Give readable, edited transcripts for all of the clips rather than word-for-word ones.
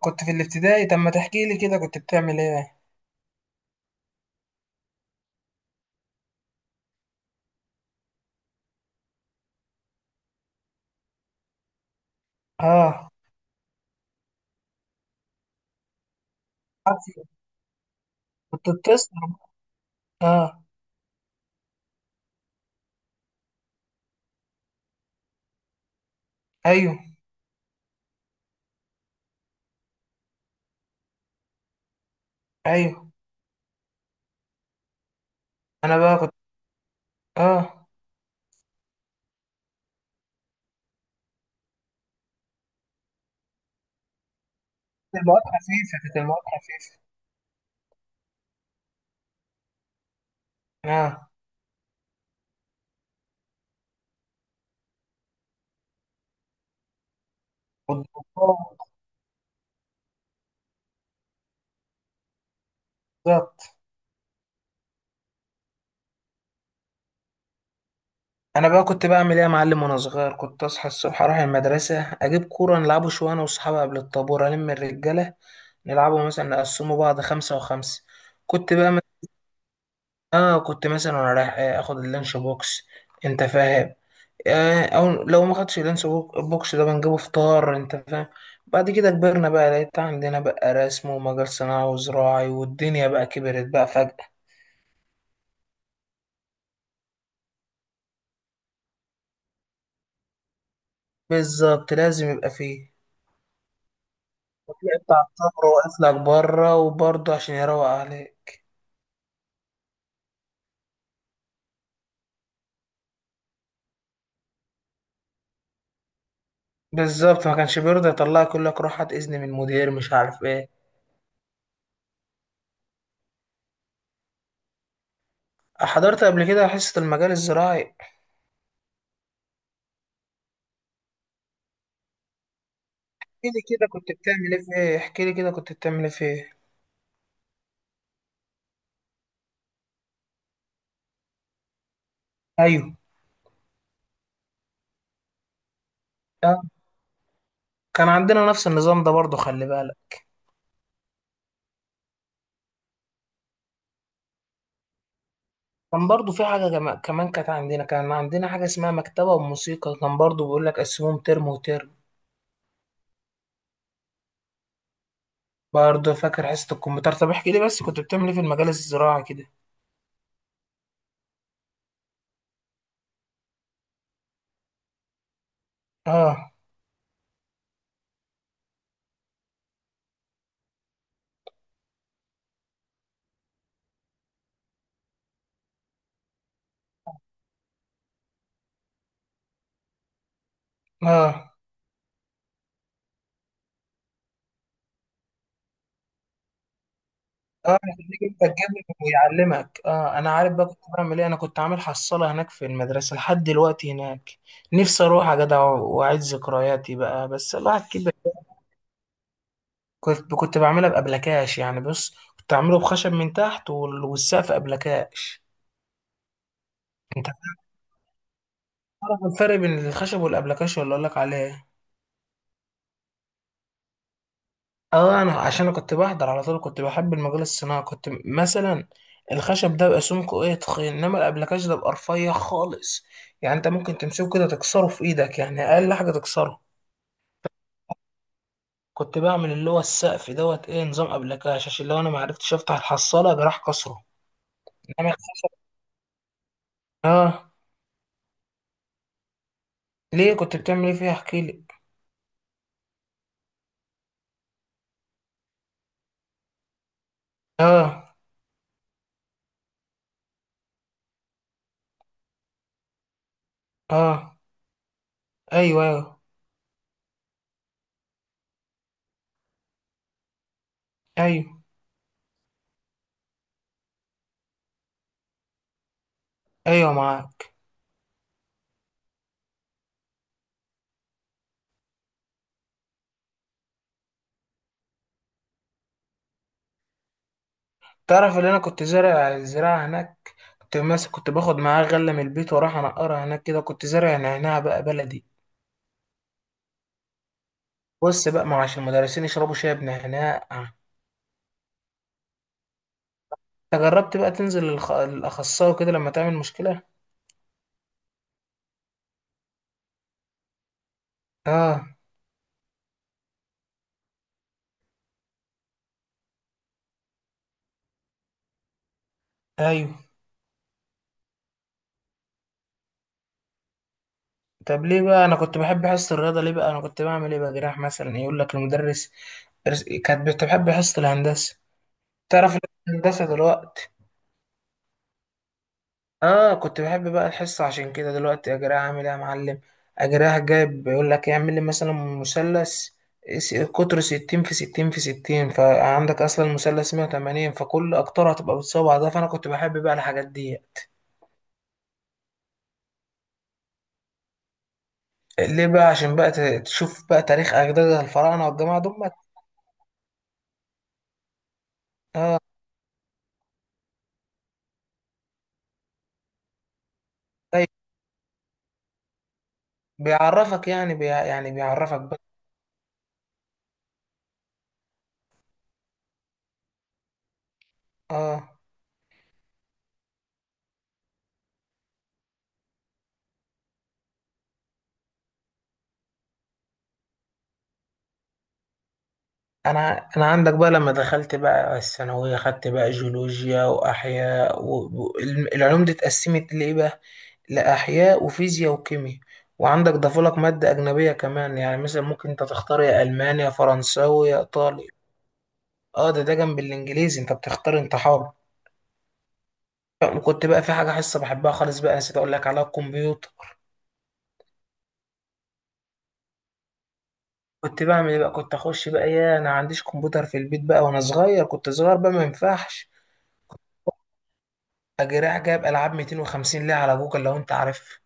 كنت في الابتدائي. طب ما تحكي لي كده كنت بتعمل ايه؟ اه. عارفه. كنت بتسهر. اه. ايوه. ايوه. انا بقى كنت. اه. كانت المواد خفيفه، كانت المواد خفيفه. اه. والضباط- بالظبط. انا بقى كنت بعمل ايه يا معلم؟ وانا صغير كنت اصحى الصبح، اروح المدرسه، اجيب كوره نلعبه شويه انا واصحابي قبل الطابور الم الرجاله. نلعبه مثلا نقسمه بعض، خمسة وخمسة. كنت بقى اه كنت مثلا وانا رايح اخد اللانش بوكس. انت فاهم؟ آه، او لو ما خدش بوكس ده بنجيبه فطار. انت فاهم؟ بعد كده كبرنا بقى، لقيت عندنا بقى رسم ومجال صناعي وزراعي، والدنيا بقى كبرت بقى فجأة. بالظبط، لازم يبقى فيه. وتلاقي بتاع الطابور واقف لك بره، وبرضه عشان يروق عليك. بالظبط، ما كانش بيرضى يطلعك، يقول لك روح هات اذن من المدير، مش عارف ايه. آه، حضرت قبل كده حصة المجال الزراعي. احكي لي كده كنت بتعمل ايه في ايه؟ احكي لي كده كنت بتعمل ايه في ايه؟ ايوه. آه، كان عندنا نفس النظام ده برضه، خلي بالك. كان برضو في كمان، كانت عندنا، كان عندنا حاجة اسمها مكتبة وموسيقى، كان برضو بيقول لك قسموهم ترم وترم. برضو فاكر حصة الكمبيوتر. طب احكي لي بس كنت بتعمل ايه في المجال الزراعي كده. اه. اه. اه، يخليك انت تجيب ويعلمك. اه انا عارف بقى كنت بعمل ايه، انا كنت عامل حصالة هناك في المدرسة لحد دلوقتي هناك. نفسي اروح يا جدع واعيد ذكرياتي بقى، بس الواحد كده. كنت بعملها بأبلكاش يعني. بص، كنت اعمله بخشب من تحت، والسقف أبلكاش. انت أعرف الفرق بين الخشب والأبلكاشن اللي أقول لك عليه. أه، أنا عشان أنا كنت بحضر على طول، كنت بحب المجال الصناعي. كنت مثلا الخشب ده بيبقى سمكه إيه، تخين، إنما الأبلكاش ده بيبقى رفيع خالص. يعني أنت ممكن تمسكه كده تكسره في إيدك، يعني أقل حاجة تكسره. كنت بعمل اللي هو السقف دوت إيه، نظام أبلكاش، عشان لو أنا معرفتش أفتح الحصالة جراح كسره. إنما الخشب. أه. ليه كنت بتعمل إيه فيها؟ احكيلي. أه. أه. أيوه أيوه. أيوه أيوه معاك. تعرف اللي انا كنت زارع الزراعة هناك، كنت ماسك، كنت باخد معاه غلة من البيت واروح انقرها هناك كده. كنت زارع نعناع بقى بلدي. بص بقى، ما هو عشان المدرسين يشربوا شاي بنعناع. انت جربت بقى تنزل للاخصائي كده لما تعمل مشكلة؟ اه. ايوه. طب ليه بقى؟ انا كنت بحب حصة الرياضة. ليه بقى؟ انا كنت بعمل ايه بقى؟ جراح مثلا يقول لك المدرس، كانت بتحب حصة الهندسة. تعرف إن أنا هندسة دلوقتي؟ اه. كنت بحب بقى الحصة عشان كده، دلوقتي اجريها عامل ايه يا معلم. اجريها جايب، بيقول لك إيه، اعمل لي مثلا مثلث، قطره 60 في 60 في 60، فعندك اصلا المثلث 180، فكل اقطاره هتبقى بالصوابع ده. فانا كنت بحب بقى الحاجات دي. ليه بقى؟ عشان بقى تشوف بقى تاريخ اجداد الفراعنة والجماعة دول. اه. طيب. بيعرفك يعني، بي يعني بيعرفك بقى. اه. انا عندك بقى، لما دخلت بقى الثانويه، خدت بقى جيولوجيا واحياء والعلوم دي اتقسمت لايه بقى؟ لاحياء وفيزياء وكيمياء. وعندك ضافولك ماده اجنبيه كمان، يعني مثلا ممكن انت تختار يا المانيا يا فرنساوي يا ايطالي. اه، ده ده جنب الانجليزي، انت بتختار، انت حر. وكنت بقى في حاجه، حصه بحبها خالص بقى، نسيت اقول لك عليها، الكمبيوتر. كنت بعمل ايه بقى؟ كنت اخش بقى، يا انا عنديش كمبيوتر في البيت بقى وانا صغير، كنت صغير بقى ما ينفعش. اجي رايح جايب العاب، 250 لعبه على جوجل لو انت عارف.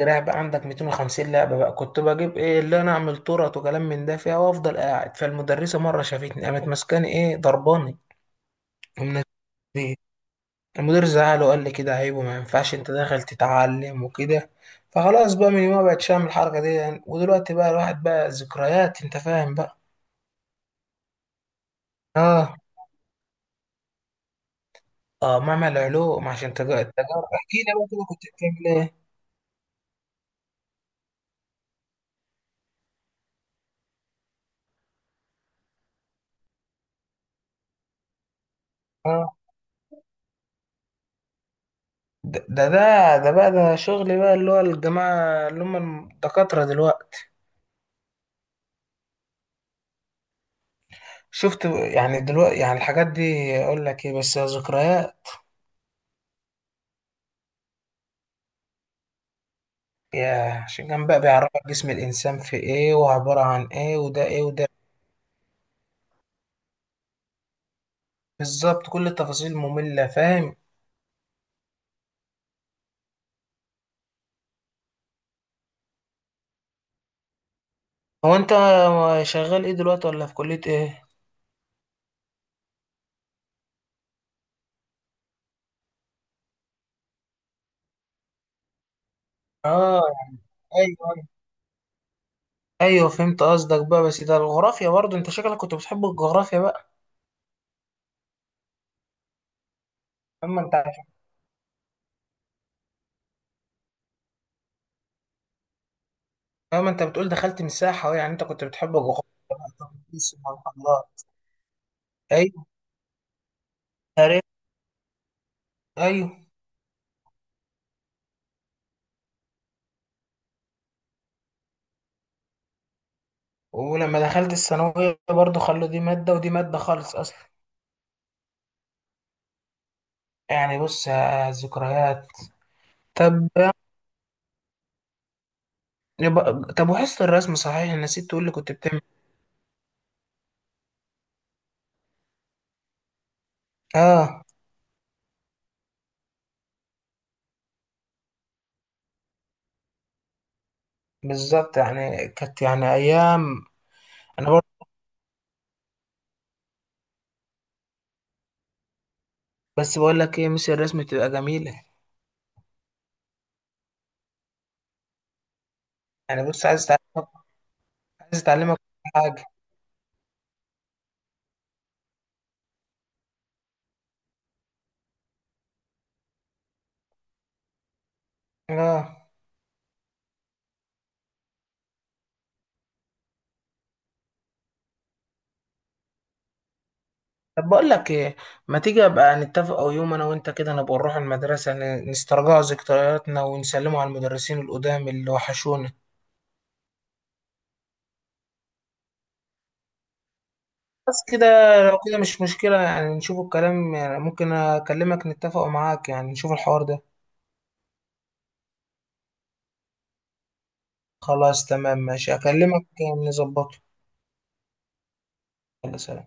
أجي رايح بقى عندك 250 لعبه بقى. كنت بجيب ايه اللي انا اعمل تورت وكلام من ده فيها، وافضل قاعد فالمدرسه. مره شافتني، قامت ماسكاني ايه، ضرباني ومن البيت. المدير زعل وقال لي كده عيب وما ينفعش انت داخل تتعلم وكده. فخلاص بقى من يومها بقتش اعمل الحركه دي يعني. ودلوقتي بقى الواحد بقى ذكريات، انت فاهم بقى. اه. اه، معمل علوم عشان تجار التجارة. احكي لي بقى كده كنت بتعمل ايه. اه. ده بقى، ده شغل بقى اللي هو الجماعة اللي هم الدكاترة دلوقتي. شفت يعني دلوقتي يعني الحاجات دي. أقول لك إيه بس، يا ذكريات. يا عشان كان بقى بيعرفك جسم الإنسان في إيه وعبارة عن إيه وده إيه وده إيه. بالظبط، كل التفاصيل، مملة، فاهم. هو أنت شغال إيه دلوقتي، ولا في كلية إيه؟ آه يعني. أيوه أيوه. أيوه فهمت قصدك بقى. بس ده الجغرافيا برضه، أنت شكلك كنت بتحب الجغرافيا بقى. أما أنت. اه، ما انت بتقول دخلت من الساحه أهو، يعني انت كنت بتحب الجغرافيا بقى. طب. بس سبحان الله. ايوه. تاريخ. ايوه. ولما دخلت الثانويه برضو، خلوا دي ماده ودي ماده خالص اصلا. يعني بص يا ذكريات. طب يبقى. طب وحصه الرسم، صحيح نسيت تقول لي كنت بتعمل. اه. بالظبط، يعني كانت يعني ايام. انا برضو. بس بقول لك ايه، مش الرسم تبقى جميله. يعني بص عايز اتعلمك. عايز اتعلمك كل حاجه. اه. طب بقول لك ايه، ما تيجي ابقى نتفق، او يوم انا وانت كده نبقى نروح المدرسه نسترجع ذكرياتنا ونسلموا على المدرسين القدام اللي وحشونا. بس كده. لو كده مش مشكله يعني، نشوف الكلام يعني، ممكن اكلمك نتفق معاك يعني، نشوف الحوار ده. خلاص تمام ماشي، اكلمك. نظبطه. يلا سلام.